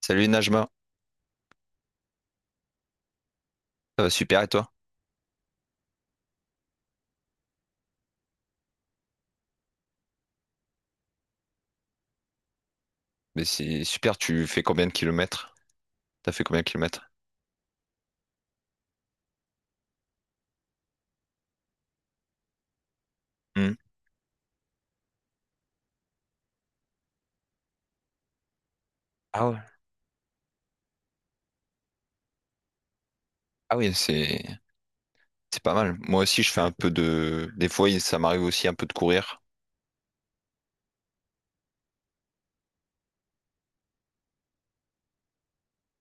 Salut Najma, ça va super et toi? Mais c'est super, tu fais combien de kilomètres? T'as fait combien de kilomètres? Hmm. Ah ouais. Ah oui, c'est pas mal. Moi aussi, je fais un peu de… Des fois, ça m'arrive aussi un peu de courir.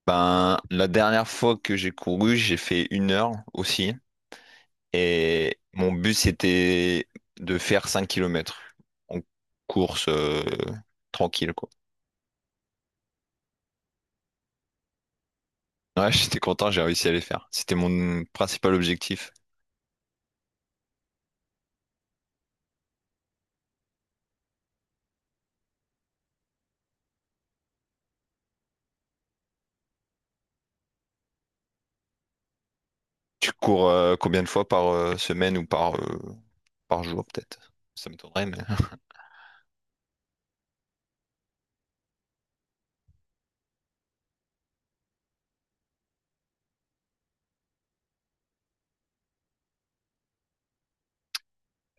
Ben, la dernière fois que j'ai couru, j'ai fait une heure aussi. Et mon but, c'était de faire 5 kilomètres en course tranquille, quoi. Ouais, j'étais content, j'ai réussi à les faire. C'était mon principal objectif. Tu cours combien de fois par semaine ou par… par jour peut-être. Ça m'étonnerait, mais.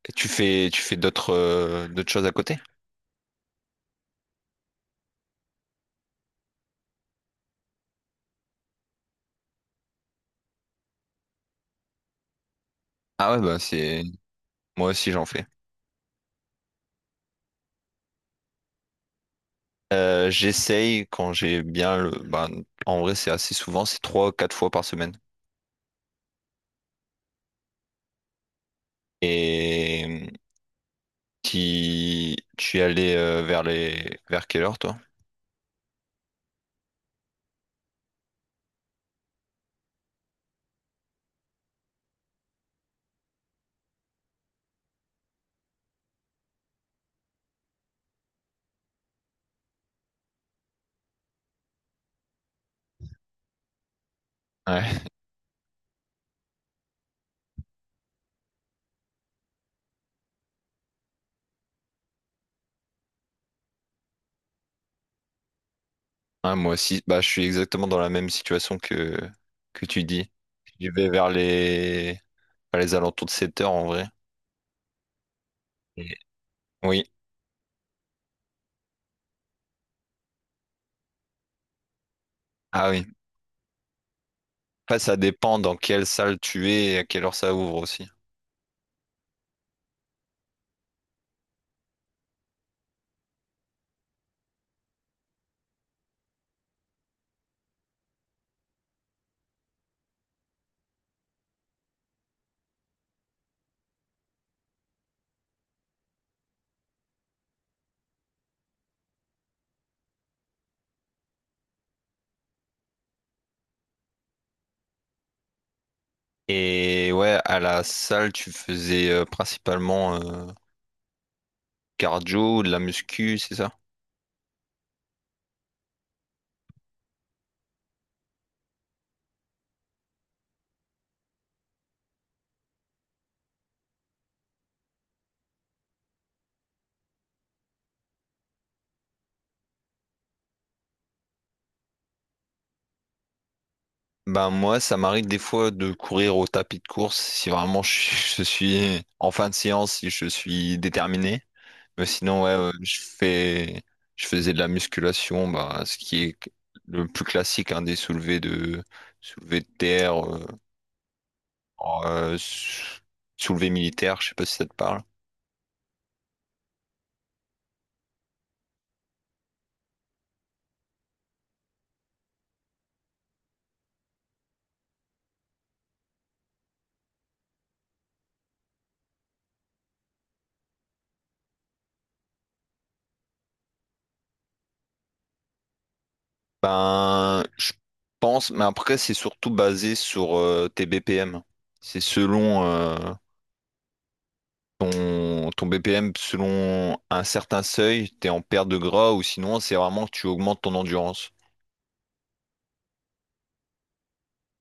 Et tu fais d'autres d'autres choses à côté? Ah ouais, bah c'est. Moi aussi j'en fais. J'essaye quand j'ai bien le. Bah, en vrai, c'est assez souvent, c'est trois, quatre fois par semaine. Et qui tu es allé vers les vers quelle heure toi? Ouais. Ouais, moi aussi, bah je suis exactement dans la même situation que tu dis. Je vais vers les alentours de 7 heures en vrai. Et- Oui. Ah oui. Après, ça dépend dans quelle salle tu es et à quelle heure ça ouvre aussi. Et ouais, à la salle, tu faisais principalement cardio, de la muscu, c'est ça? Ben moi, ça m'arrive des fois de courir au tapis de course si vraiment je, suis je suis en fin de séance, si je suis déterminé. Mais sinon, ouais, je fais, je faisais de la musculation, bah, ce qui est le plus classique, hein, des soulevés de terre, oh, euh, sou- soulevés militaires, je sais pas si ça te parle. Ben, je pense, mais après, c'est surtout basé sur tes BPM. C'est selon ton BPM, selon un certain seuil, t'es en perte de gras ou sinon, c'est vraiment que tu augmentes ton endurance.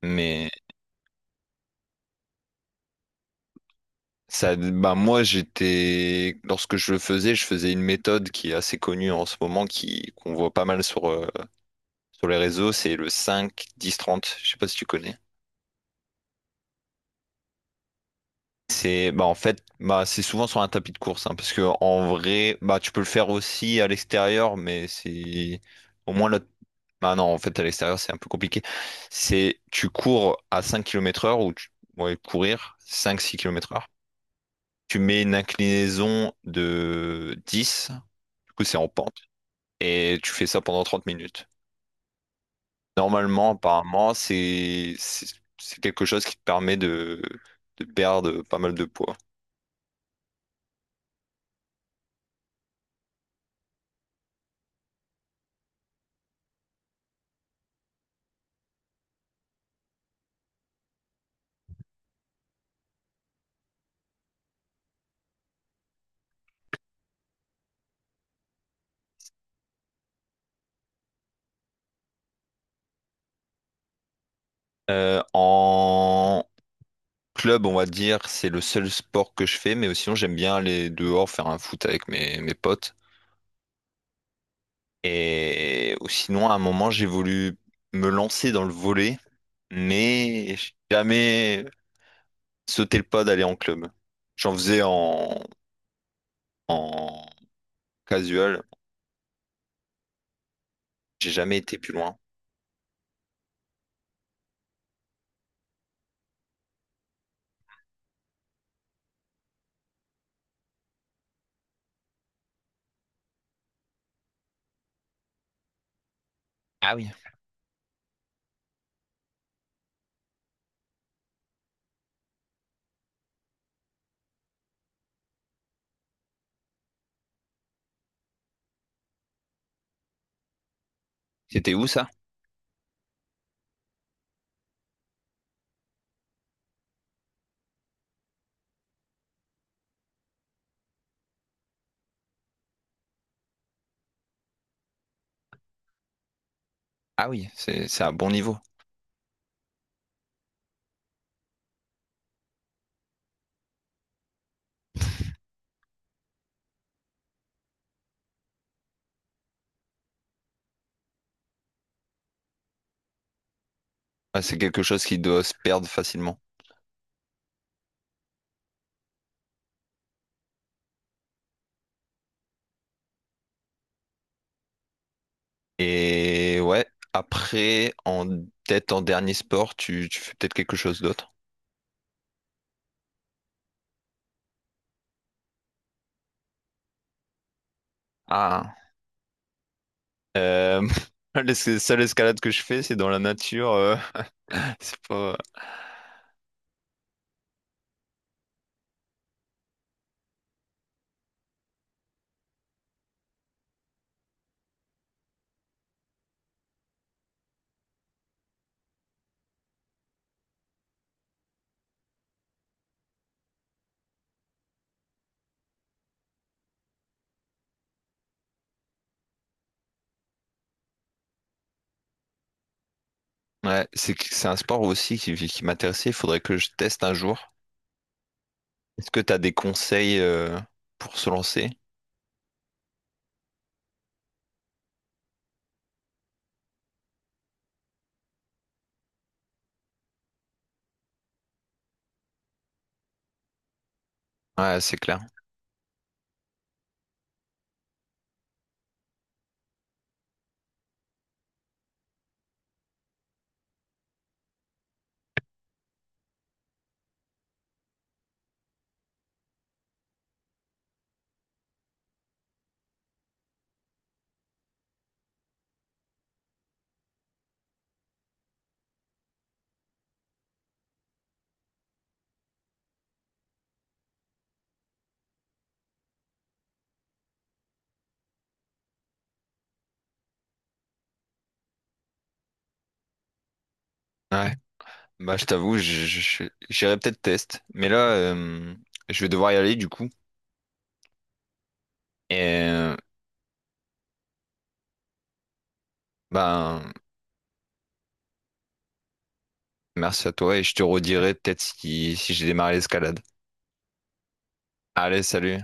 Mais ça, bah moi, j'étais, lorsque je le faisais, je faisais une méthode qui est assez connue en ce moment, qui qu'on voit pas mal sur, sur les réseaux, c'est le 5-10-30. Je sais pas si tu connais. C'est, bah en fait, bah c'est souvent sur un tapis de course, hein, parce que en vrai, bah tu peux le faire aussi à l'extérieur, mais c'est au moins là. Bah non, en fait, à l'extérieur, c'est un peu compliqué. C'est, tu cours à 5 km/h ou tu, ouais, courir 5-6 km/h. Tu mets une inclinaison de 10. Du coup, c'est en pente. Et tu fais ça pendant 30 minutes. Normalement, apparemment, c'est quelque chose qui te permet de perdre pas mal de poids. En club, on va dire, c'est le seul sport que je fais, mais sinon, j'aime bien aller dehors faire un foot avec mes, mes potes. Et sinon, à un moment, j'ai voulu me lancer dans le volley, mais j'ai jamais sauté le pas d'aller en club. J'en faisais en, en casual, j'ai jamais été plus loin. Ah oui. C'était où ça? Ah oui, c'est un bon niveau. Ah, c'est quelque chose qui doit se perdre facilement. Et ouais, après, en tête en dernier sport, tu fais peut-être quelque chose d'autre. Ah, euh, la seule escalade que je fais, c'est dans la nature. C'est pas… Ouais, c'est un sport aussi qui m'intéressait. Il faudrait que je teste un jour. Est-ce que tu as des conseils pour se lancer? Ouais, c'est clair. Ouais. Bah, je t'avoue, j'irai peut-être test. Mais là, je vais devoir y aller du coup. Et ben, merci à toi et je te redirai peut-être si, si j'ai démarré l'escalade. Allez, salut.